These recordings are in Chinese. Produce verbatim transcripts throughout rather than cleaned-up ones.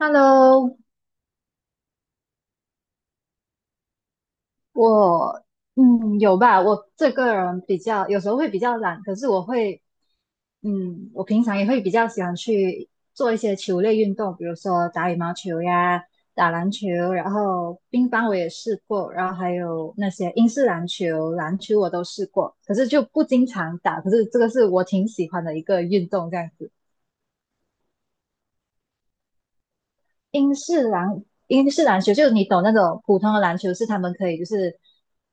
Hello，我嗯有吧，我这个人比较有时候会比较懒，可是我会嗯，我平常也会比较喜欢去做一些球类运动，比如说打羽毛球呀、打篮球，然后乒乓我也试过，然后还有那些英式篮球、篮球我都试过，可是就不经常打，可是这个是我挺喜欢的一个运动，这样子。英式篮英式篮球，就是你懂那种普通的篮球，是他们可以就是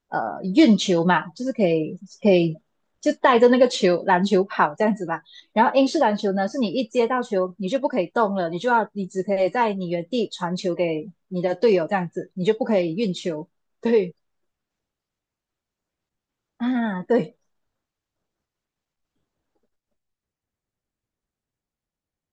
呃运球嘛，就是可以可以就带着那个球篮球跑这样子吧。然后英式篮球呢，是你一接到球你就不可以动了，你就要你只可以在你原地传球给你的队友这样子，你就不可以运球。对啊，对。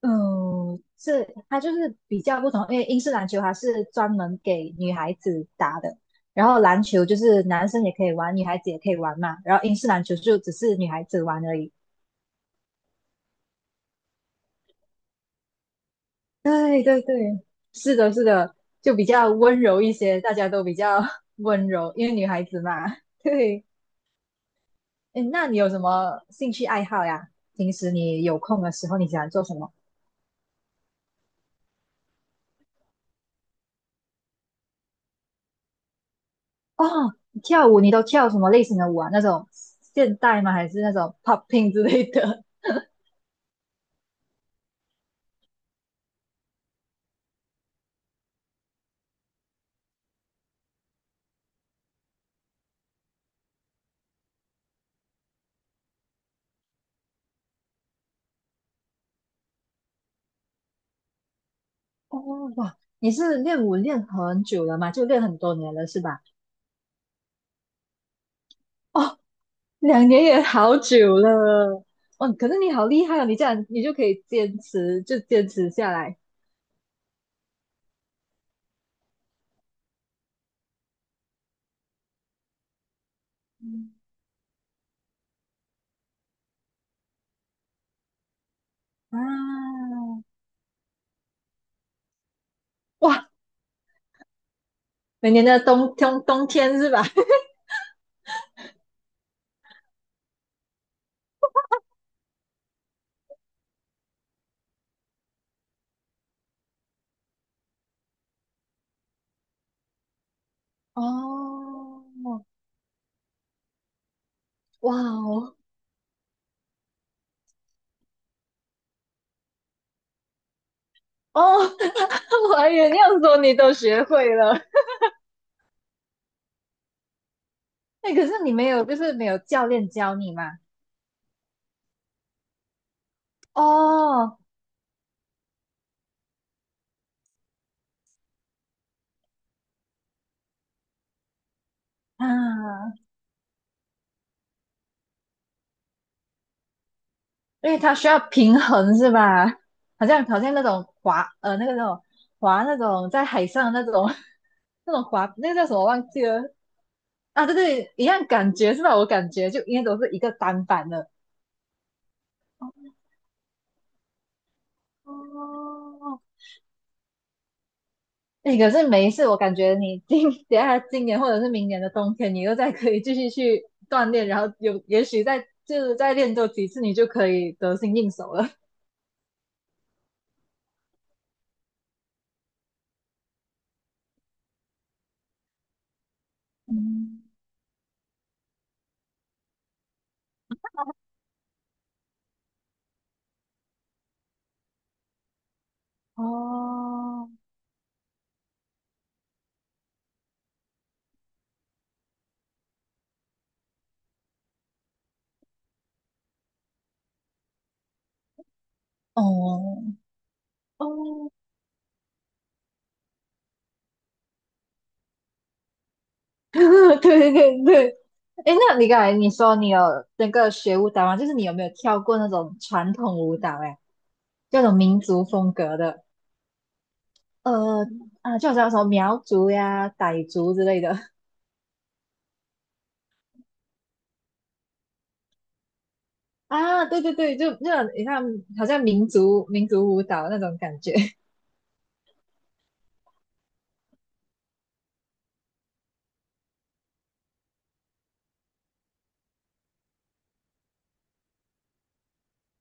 嗯，是它就是比较不同，因为英式篮球它是专门给女孩子打的，然后篮球就是男生也可以玩，女孩子也可以玩嘛，然后英式篮球就只是女孩子玩而已。对对对，是的，是的，就比较温柔一些，大家都比较 温柔，因为女孩子嘛。对，诶，那你有什么兴趣爱好呀？平时你有空的时候，你喜欢做什么？哦，你跳舞，你都跳什么类型的舞啊？那种现代吗？还是那种 popping 之类的？哦，哇，你是练舞练很久了吗？就练很多年了是吧？哦，两年也好久了。哦，可是你好厉害哦，你这样你就可以坚持，就坚持下来啊！哇，每年的冬冬冬天是吧？哦，哇哦，哦，我还以为你要说你都学会了。哎，可是你没有，就是没有教练教你嘛？哦，啊，因为它需要平衡是吧？好像好像那种滑呃那个那种滑那种在海上的那种 那种滑那个叫什么忘记了啊？对对，一样感觉是吧？我感觉就应该都是一个单板的。哦，哎，可是每一次我感觉你今 等下今年或者是明年的冬天，你又再可以继续去锻炼，然后有也许再就是再练多几次，你就可以得心应手了。嗯，哦，哦，哦，对对对，哎，那你刚才你说你有那个学舞蹈吗？就是你有没有跳过那种传统舞蹈？哎，这种民族风格的，呃啊，就好像什么苗族呀、傣族之类的 啊，对对对，就那种你看，好像民族民族舞蹈那种感觉。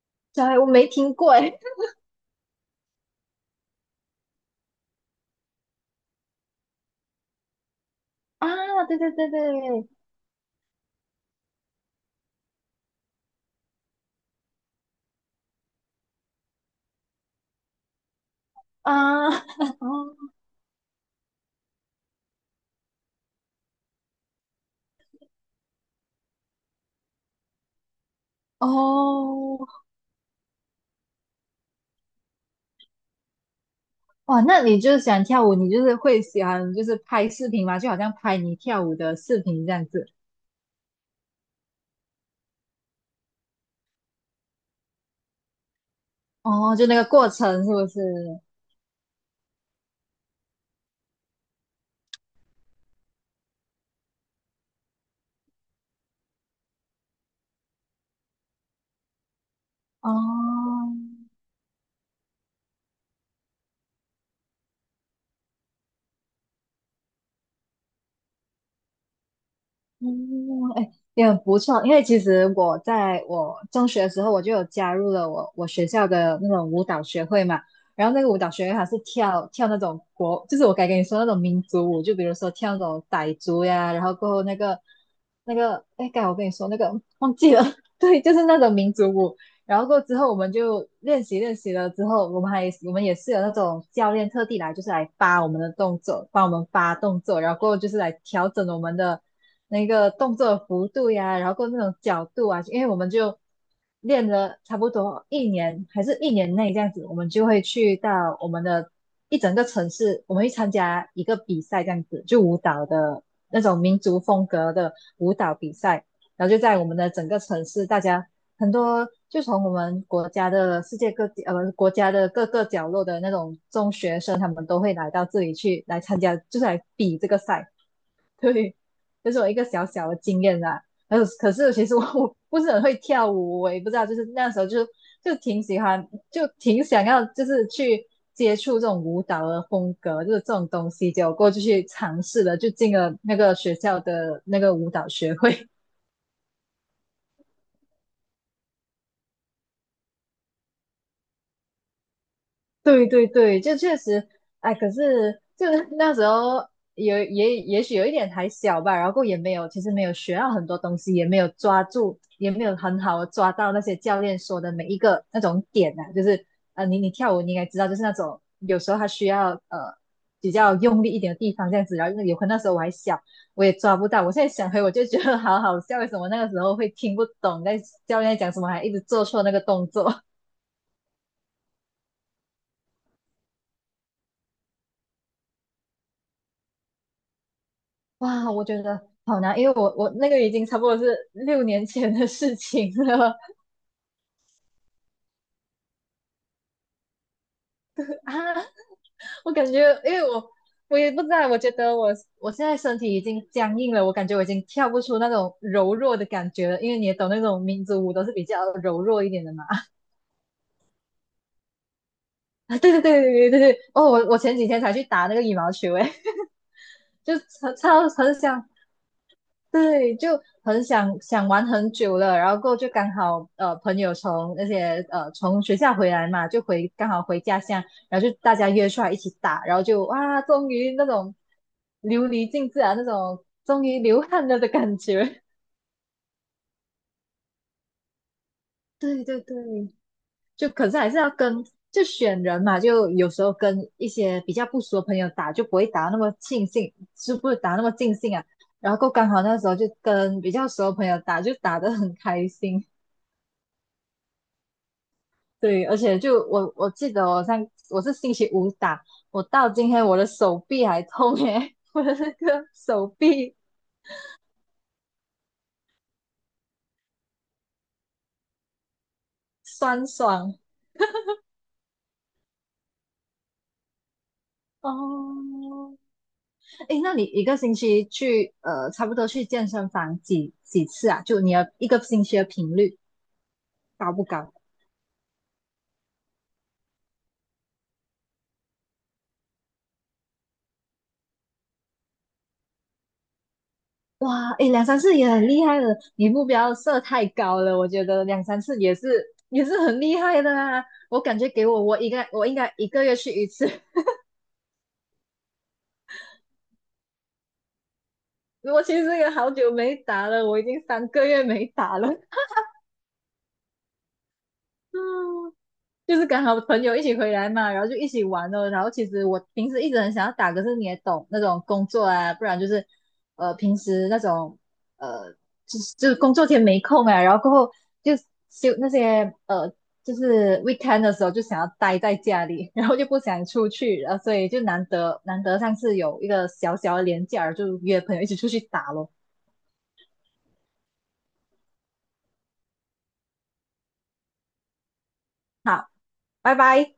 对，我没听过哎。啊，对对对对，啊，哦，哇，那你就是喜欢跳舞，你就是会喜欢就是拍视频吗？就好像拍你跳舞的视频这样子。哦，就那个过程是不是？哦，嗯，哎，也很不错。因为其实我在我中学的时候，我就有加入了我我学校的那种舞蹈学会嘛。然后那个舞蹈学会它是跳跳那种国，就是我刚跟你说那种民族舞，就比如说跳那种傣族呀，然后过后那个那个，哎，刚才我跟你说那个忘记了，对，就是那种民族舞。然后过之后我们就练习练习了之后，我们还我们也是有那种教练特地来，就是来扒我们的动作，帮我们扒动作，然后过就是来调整我们的那个动作的幅度呀，然后过那种角度啊，因为我们就练了差不多一年还是一年内这样子，我们就会去到我们的一整个城市，我们会参加一个比赛这样子，就舞蹈的那种民族风格的舞蹈比赛，然后就在我们的整个城市大家。很多就从我们国家的世界各地，呃，国家的各个角落的那种中学生，他们都会来到这里去来参加，就是来比这个赛。对，这、是我一个小小的经验啦。还有，可是其实我我不是很会跳舞，我也不知道，就是那时候就就挺喜欢，就挺想要，就是去接触这种舞蹈的风格，就是这种东西，结果过就去尝试了，就进了那个学校的那个舞蹈学会。对对对，就确实，哎，可是就是那时候有也也许有一点还小吧，然后也没有，其实没有学到很多东西，也没有抓住，也没有很好的抓到那些教练说的每一个那种点啊，就是呃，你你跳舞你应该知道，就是那种有时候他需要呃比较用力一点的地方这样子，然后因为有可能那时候我还小，我也抓不到，我现在想回我就觉得好好笑，为什么那个时候会听不懂在教练在讲什么，还一直做错那个动作。哇，我觉得好难，因为我我那个已经差不多是六年前的事情了 啊。我感觉，因为我我也不知道，我觉得我我现在身体已经僵硬了，我感觉我已经跳不出那种柔弱的感觉了。因为你也懂那种民族舞都是比较柔弱一点的嘛。啊，对对对对对对对。哦，我我前几天才去打那个羽毛球，诶，就超超很想对，就很想想玩很久了，然后过后就刚好呃朋友从那些呃从学校回来嘛，就回刚好回家乡，然后就大家约出来一起打，然后就哇，终于那种流离尽致啊，那种终于流汗了的感觉。对对对，就可是还是要跟就选人嘛，就有时候跟一些比较不熟的朋友打，就不会打那么尽兴，就不会打那么尽兴啊。然后过后刚好那时候就跟比较熟的朋友打，就打得很开心。对，而且就我我记得我上我是星期五打，我到今天我的手臂还痛耶，我的那个手臂酸爽哦。诶，那你一个星期去呃，差不多去健身房几几次啊？就你的一个星期的频率高不高？哇，诶，两三次也很厉害了，你目标设太高了，我觉得两三次也是也是很厉害的啊。我感觉给我我应该我应该一个月去一次。我其实也好久没打了，我已经三个月没打了。嗯，就是刚好朋友一起回来嘛，然后就一起玩了。然后其实我平时一直很想要打，可是你也懂那种工作啊，不然就是呃平时那种呃就是就是工作天没空啊，然后过后就休那些呃就是 weekend 的时候就想要待在家里，然后就不想出去，然后所以就难得难得上次有一个小小的连假，就约朋友一起出去打咯。好，拜拜。